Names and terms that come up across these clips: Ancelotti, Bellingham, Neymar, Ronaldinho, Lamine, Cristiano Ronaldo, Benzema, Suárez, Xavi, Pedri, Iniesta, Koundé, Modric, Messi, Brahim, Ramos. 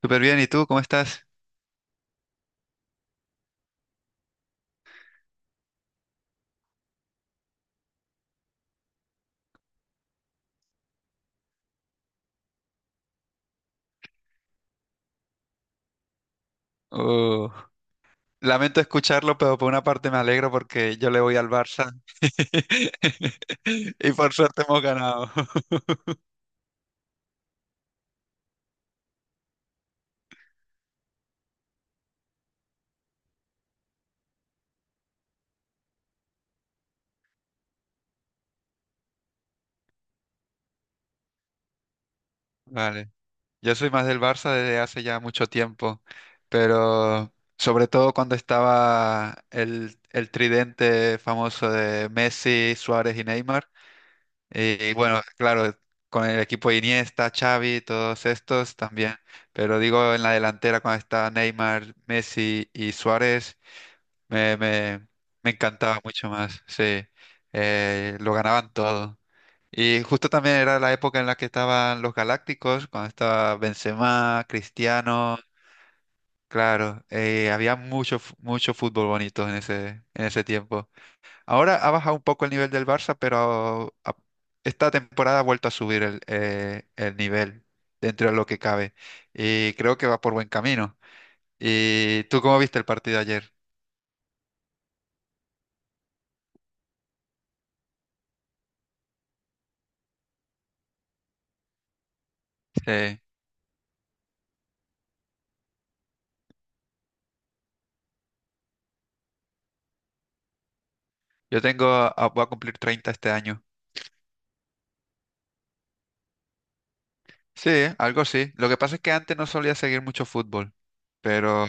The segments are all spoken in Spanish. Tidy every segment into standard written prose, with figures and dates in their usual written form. Súper bien, ¿y tú cómo estás? Uh, Lamento escucharlo, pero por una parte me alegro porque yo le voy al Barça y por suerte hemos ganado. Vale, yo soy más del Barça desde hace ya mucho tiempo, pero sobre todo cuando estaba el tridente famoso de Messi, Suárez y Neymar. Y bueno, claro, con el equipo de Iniesta, Xavi, todos estos también, pero digo en la delantera cuando está Neymar, Messi y Suárez. Me, me, me encantaba mucho más, sí. Lo ganaban todo. Y justo también era la época en la que estaban los Galácticos, cuando estaba Benzema, Cristiano, claro, había mucho fútbol bonito en ese tiempo. Ahora ha bajado un poco el nivel del Barça, pero esta temporada ha vuelto a subir el nivel dentro de lo que cabe. Y creo que va por buen camino. ¿Y tú cómo viste el partido ayer? Sí. Voy a cumplir 30 este año. Sí, algo así. Lo que pasa es que antes no solía seguir mucho fútbol, pero,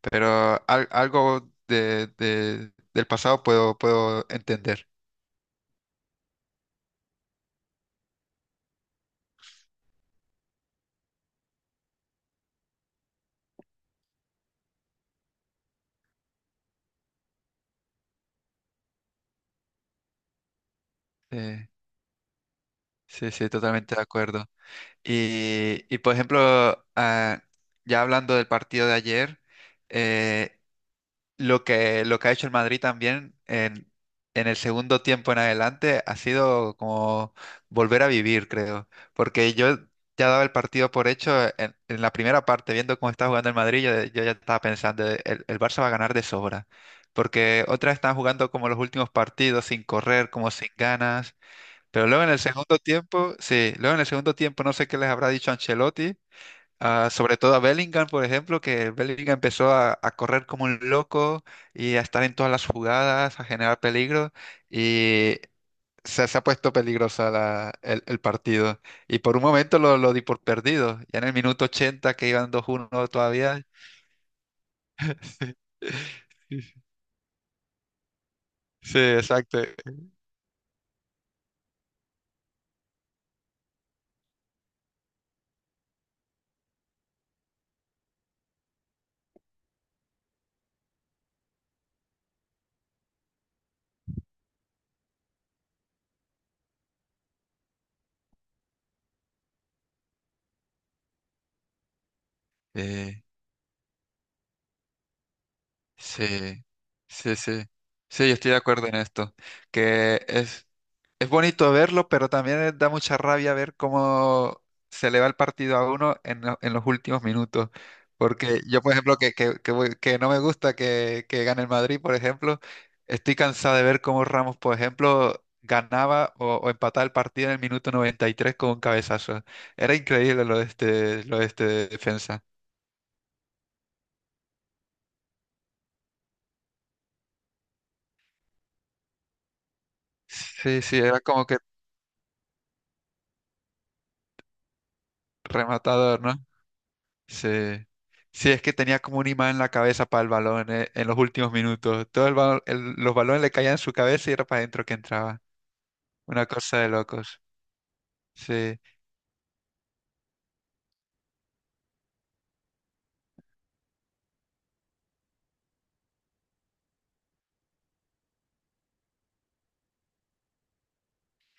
algo del pasado puedo entender. Sí, sí, sí, totalmente de acuerdo. Y por ejemplo, ya hablando del partido de ayer, eh, lo que ha hecho el Madrid también en, el segundo tiempo en adelante ha sido como volver a vivir, creo. Porque yo ya daba el partido por hecho en la primera parte, viendo cómo estaba jugando el Madrid, yo ya estaba pensando, el Barça va a ganar de sobra. Porque otra vez están jugando como los últimos partidos, sin correr, como sin ganas. Pero luego en el segundo tiempo, sí, luego en el segundo tiempo no sé qué les habrá dicho Ancelotti. Ah, sobre todo a Bellingham, por ejemplo, que Bellingham empezó a correr como un loco y a estar en todas las jugadas, a generar peligro y se ha puesto peligrosa el partido. Y por un momento lo di por perdido. Ya en el minuto 80, que iban 2-1 todavía. Sí, sí, exacto. Eh, Sí, sí, sí. Sí, yo estoy de acuerdo en esto. Que es bonito verlo, pero también da mucha rabia ver cómo se le va el partido a uno en los últimos minutos. Porque yo, por ejemplo, que no me gusta que gane el Madrid, por ejemplo, estoy cansado de ver cómo Ramos, por ejemplo, ganaba o empataba el partido en el minuto 93 con un cabezazo. Era increíble lo de este defensa. Sí, sí, era como que rematador, ¿no? Sí. Sí, es que tenía como un imán en la cabeza para el balón, en los últimos minutos. Todo el balón, los balones le caían en su cabeza y era para adentro que entraba. Una cosa de locos. Sí,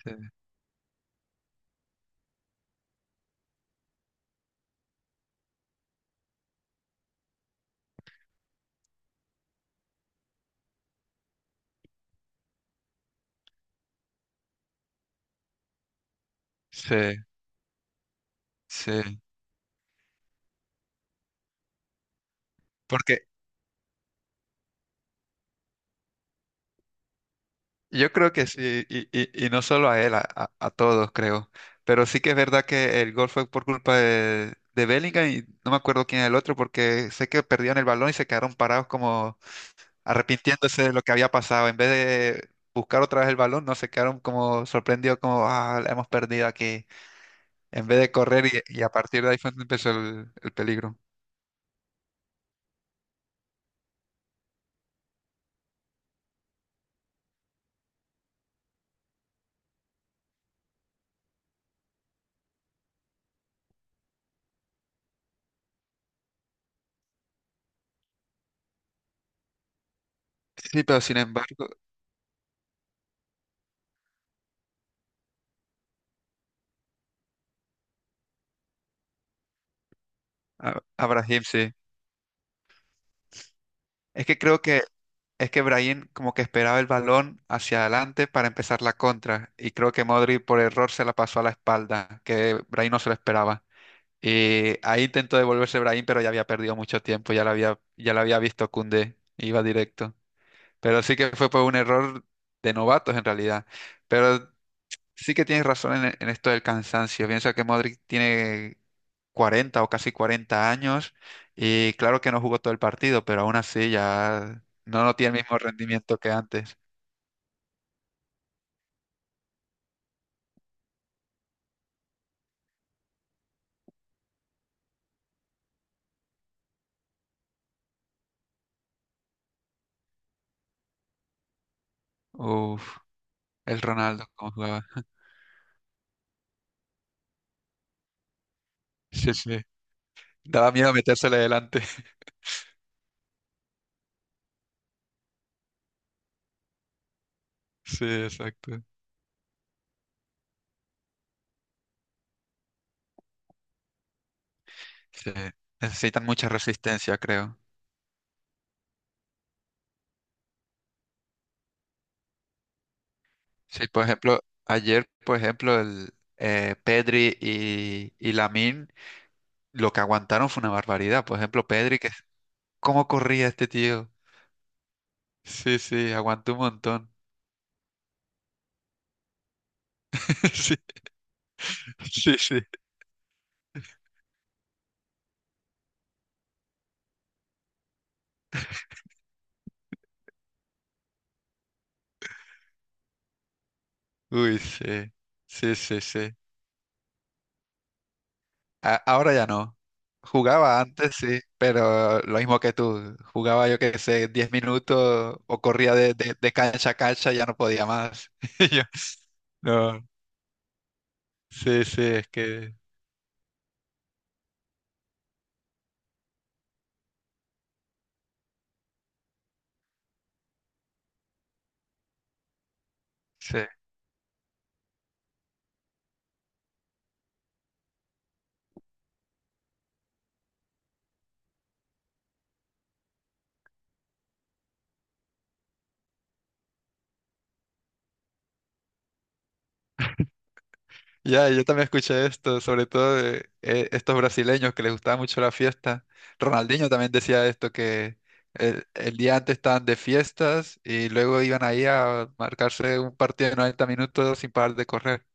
sí, sí, sí. Porque yo creo que sí, y, y no solo a él, a todos creo. Pero sí que es verdad que el gol fue por culpa de Bellingham y no me acuerdo quién es el otro, porque sé que perdían el balón y se quedaron parados como arrepintiéndose de lo que había pasado. En vez de buscar otra vez el balón, no se quedaron como sorprendidos, como, ah, la hemos perdido aquí. En vez de correr y a partir de ahí fue donde empezó el peligro. Sí, pero sin embargo, a Brahim sí. Es que creo que, es que Brahim como que esperaba el balón hacia adelante para empezar la contra. Y creo que Modric por error se la pasó a la espalda, que Brahim no se lo esperaba. Y ahí intentó devolverse Brahim, pero ya había perdido mucho tiempo, ya la había visto Koundé, iba directo. Pero sí que fue por un error de novatos en realidad. Pero sí que tienes razón en esto del cansancio. Piensa que Modric tiene 40 o casi 40 años y claro que no jugó todo el partido, pero aún así ya no tiene el mismo rendimiento que antes. Uf, el Ronaldo, cómo jugaba. Sí, sí. Daba miedo metérsele delante. Sí, exacto. Sí. Necesitan mucha resistencia, creo. Sí, por ejemplo, ayer, por ejemplo, el Pedri y Lamine, lo que aguantaron fue una barbaridad. Por ejemplo, Pedri, que cómo corría este tío. Sí, sí, aguantó un montón. Sí, sí, sí. Uy, sí. Sí, sí, sí. Ahora ya no. Jugaba antes, sí, pero lo mismo que tú. Jugaba, yo qué sé, 10 minutos, o corría de cancha a cancha, ya no podía más. Yo, no. Sí, sí, es que. Sí. Ya, yo también escuché esto, sobre todo de, estos brasileños que les gustaba mucho la fiesta. Ronaldinho también decía esto, que el día antes estaban de fiestas y luego iban ahí a marcarse un partido de 90 minutos sin parar de correr.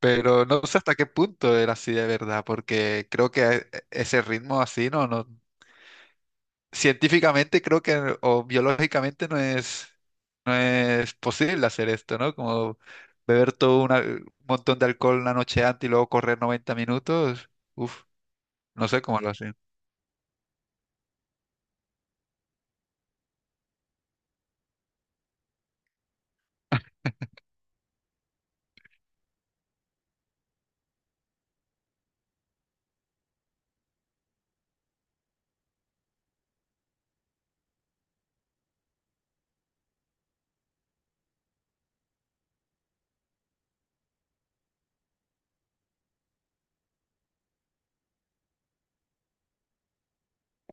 Pero no sé hasta qué punto era así de verdad, porque creo que ese ritmo así no, no, científicamente creo que, o biológicamente no es posible hacer esto, ¿no? Como beber todo un montón de alcohol la noche antes y luego correr 90 minutos. Uf, no sé cómo lo hacen.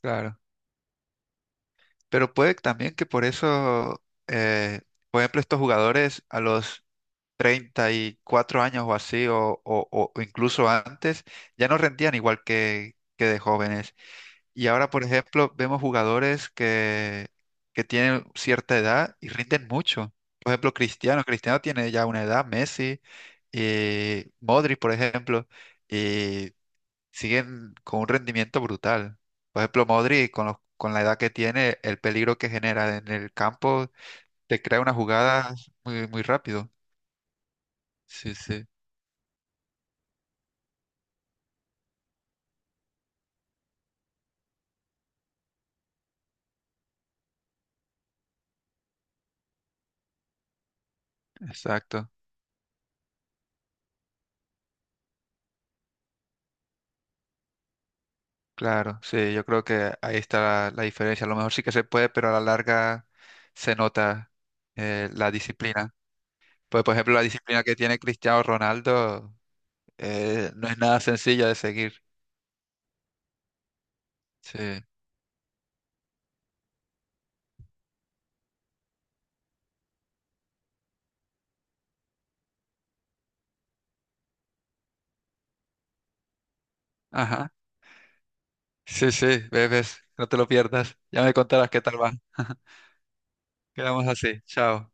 Claro. Pero puede también que por eso, eh, por ejemplo, estos jugadores a los 34 años o así, o incluso antes, ya no rendían igual que de jóvenes. Y ahora, por ejemplo, vemos jugadores que tienen cierta edad y rinden mucho. Por ejemplo, Cristiano. Cristiano tiene ya una edad, Messi, y Modric, por ejemplo, y siguen con un rendimiento brutal. Por ejemplo, Modric, con con la edad que tiene, el peligro que genera en el campo, te crea una jugada muy, muy rápido. Sí, sí, exacto. Claro, sí, yo creo que ahí está la diferencia. A lo mejor sí que se puede, pero a la larga se nota, la disciplina. Pues, por ejemplo, la disciplina que tiene Cristiano Ronaldo, no es nada sencilla de seguir. Sí, ajá. Sí, sí, bebés, no te lo pierdas. Ya me contarás qué tal va. Quedamos así, chao.